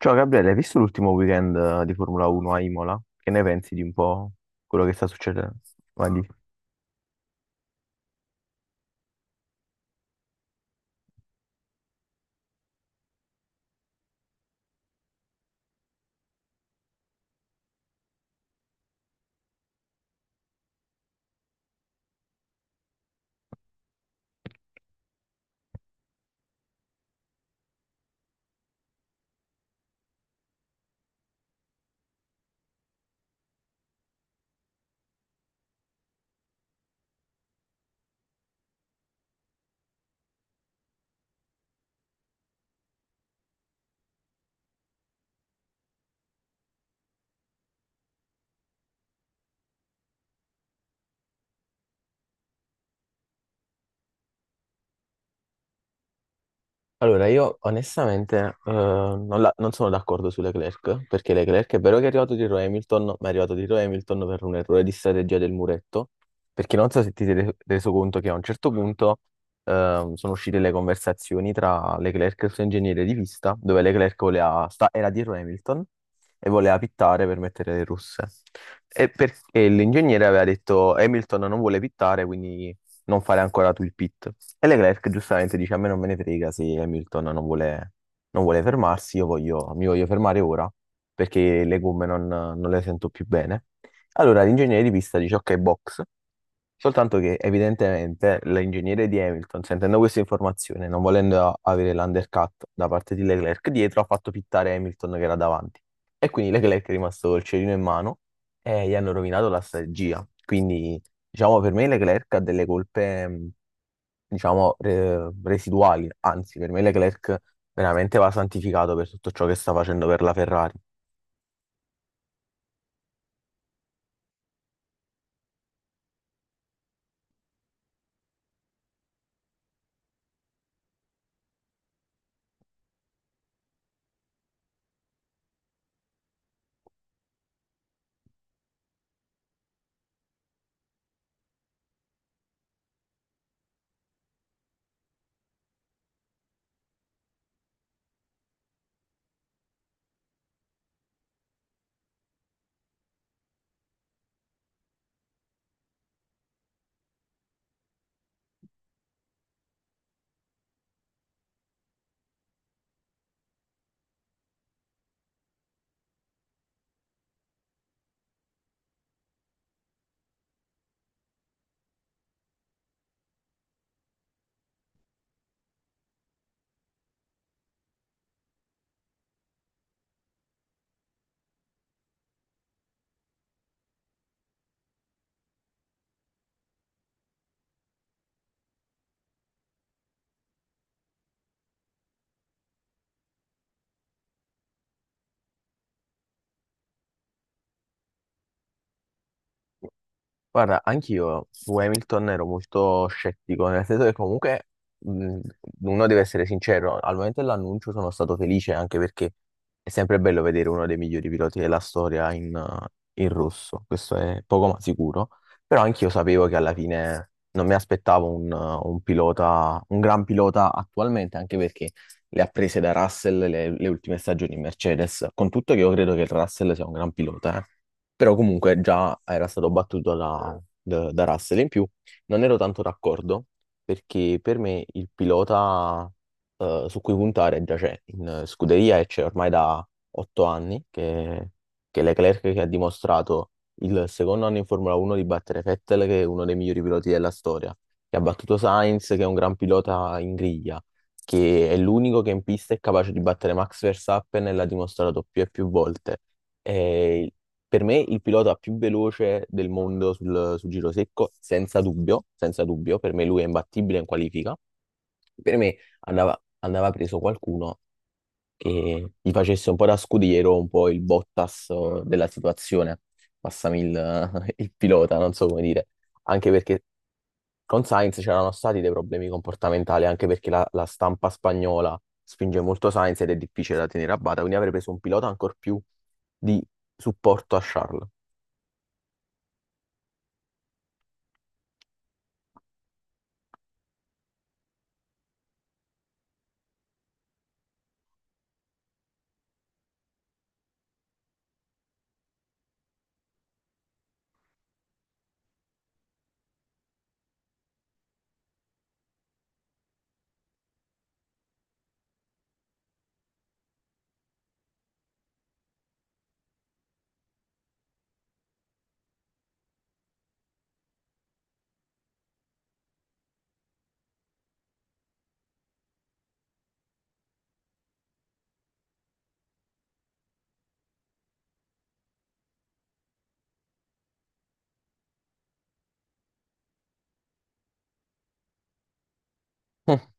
Ciao Gabriele, hai visto l'ultimo weekend di Formula 1 a Imola? Che ne pensi di un po' quello che sta succedendo? Allora, io onestamente non, non sono d'accordo su Leclerc, perché Leclerc è vero che è arrivato dietro Hamilton, ma è arrivato dietro Hamilton per un errore di strategia del muretto, perché non so se ti sei reso conto che a un certo punto sono uscite le conversazioni tra Leclerc e il suo ingegnere di pista, dove Leclerc voleva era dietro Hamilton e voleva pittare per mettere le russe. E perché l'ingegnere aveva detto Hamilton non vuole pittare, quindi non fare ancora tu il pit. E Leclerc giustamente dice: A me non me ne frega se Hamilton non vuole, non vuole fermarsi, mi voglio fermare ora perché le gomme non le sento più bene. Allora l'ingegnere di pista dice: Ok, box. Soltanto che evidentemente l'ingegnere di Hamilton, sentendo questa informazione, non volendo avere l'undercut da parte di Leclerc dietro, ha fatto pittare Hamilton che era davanti. E quindi Leclerc è rimasto col cerino in mano e gli hanno rovinato la strategia. Quindi, diciamo, per me Leclerc ha delle colpe. Diciamo, residuali. Anzi, per me Leclerc veramente va santificato per tutto ciò che sta facendo per la Ferrari. Guarda, anch'io su Hamilton ero molto scettico, nel senso che comunque mh, uno deve essere sincero, al momento dell'annuncio sono stato felice anche perché è sempre bello vedere uno dei migliori piloti della storia in, in rosso, questo è poco ma sicuro, però anch'io sapevo che alla fine non mi aspettavo un pilota, un gran pilota attualmente, anche perché le ha prese da Russell le ultime stagioni in Mercedes, con tutto che io credo che Russell sia un gran pilota, eh. Però comunque già era stato battuto da Russell. In più non ero tanto d'accordo perché per me il pilota su cui puntare già c'è in scuderia e c'è ormai da otto anni che Leclerc che ha dimostrato il secondo anno in Formula 1 di battere Vettel che è uno dei migliori piloti della storia, che ha battuto Sainz che è un gran pilota in griglia, che è l'unico che in pista è capace di battere Max Verstappen e l'ha dimostrato più e più volte. Eh, per me il pilota più veloce del mondo sul giro secco, senza dubbio, senza dubbio, per me lui è imbattibile in qualifica. Per me andava, andava preso qualcuno che gli facesse un po' da scudiero, un po' il Bottas della situazione, passami il, il pilota, non so come dire. Anche perché con Sainz c'erano stati dei problemi comportamentali, anche perché la stampa spagnola spinge molto Sainz ed è difficile da tenere a bada, quindi avrei preso un pilota ancora più di supporto a Charles.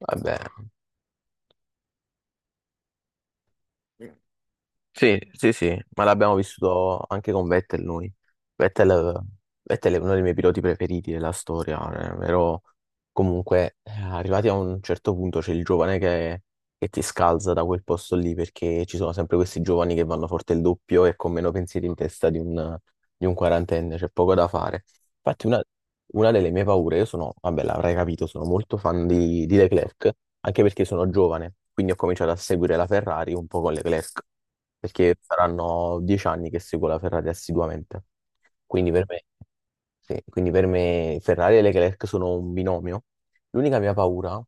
Vabbè. Sì, sì, sì, ma l'abbiamo vissuto anche con Vettel noi. Vettel, Vettel è uno dei miei piloti preferiti della storia, però comunque arrivati a un certo punto c'è il giovane che ti scalza da quel posto lì perché ci sono sempre questi giovani che vanno forte il doppio e con meno pensieri in testa di un quarantenne, c'è poco da fare. Infatti una, Una delle mie paure, io sono, vabbè, l'avrai capito, sono molto fan di Leclerc, anche perché sono giovane, quindi ho cominciato a seguire la Ferrari un po' con Leclerc, perché saranno dieci anni che seguo la Ferrari assiduamente. Quindi per me, sì, quindi per me Ferrari e Leclerc sono un binomio. L'unica mia paura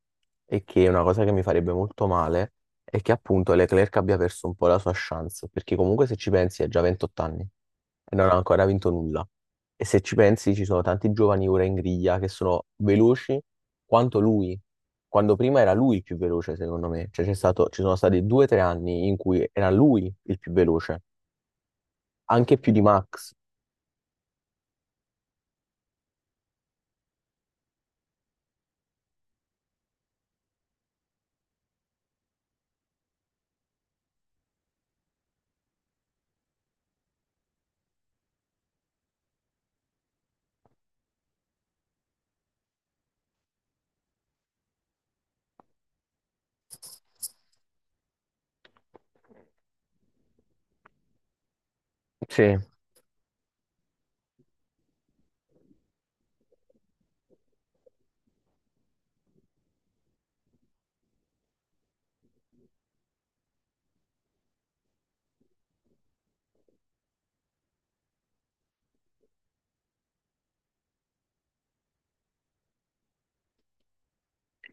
è che una cosa che mi farebbe molto male è che appunto Leclerc abbia perso un po' la sua chance, perché comunque se ci pensi ha già 28 anni e non ha ancora vinto nulla. E se ci pensi, ci sono tanti giovani ora in griglia che sono veloci quanto lui, quando prima era lui il più veloce, secondo me. Cioè, c'è stato, ci sono stati due o tre anni in cui era lui il più veloce, anche più di Max. Sì,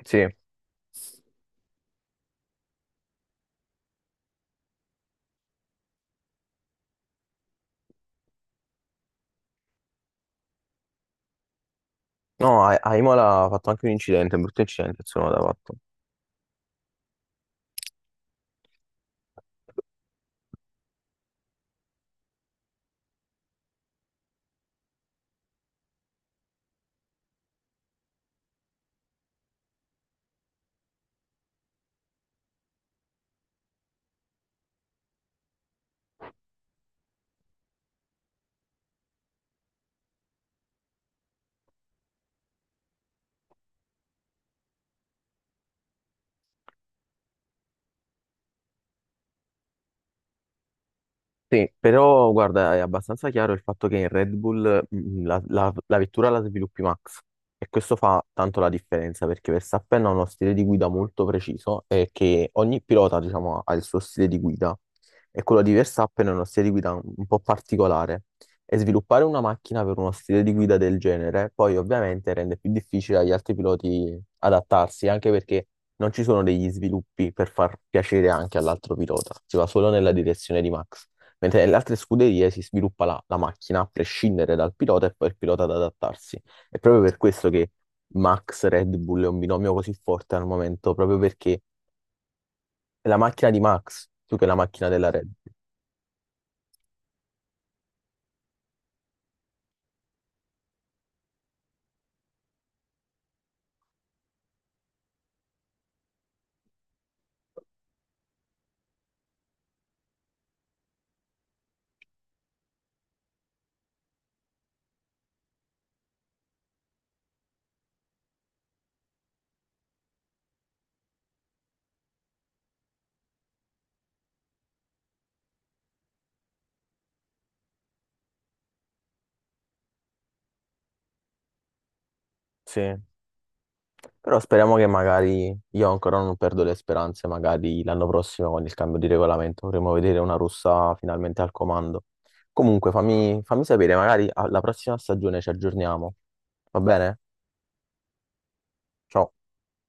sì. No, a Imola ha fatto anche un incidente, un brutto incidente, insomma, l'ha fatto. Sì, però guarda, è abbastanza chiaro il fatto che in Red Bull mm, la vettura la sviluppi Max e questo fa tanto la differenza perché Verstappen ha uno stile di guida molto preciso e che ogni pilota, diciamo, ha il suo stile di guida e quello di Verstappen è uno stile di guida un po' particolare e sviluppare una macchina per uno stile di guida del genere poi ovviamente rende più difficile agli altri piloti adattarsi anche perché non ci sono degli sviluppi per far piacere anche all'altro pilota, si va solo nella direzione di Max. Mentre nelle altre scuderie si sviluppa la macchina a prescindere dal pilota e poi il pilota ad adattarsi. È proprio per questo che Max Red Bull è un binomio così forte al momento, proprio perché è la macchina di Max più che la macchina della Red Bull. Sì. Però speriamo che magari, io ancora non perdo le speranze, magari l'anno prossimo con il cambio di regolamento vorremmo vedere una russa finalmente al comando. Comunque fammi, fammi sapere, magari alla prossima stagione ci aggiorniamo, va bene? Ciao.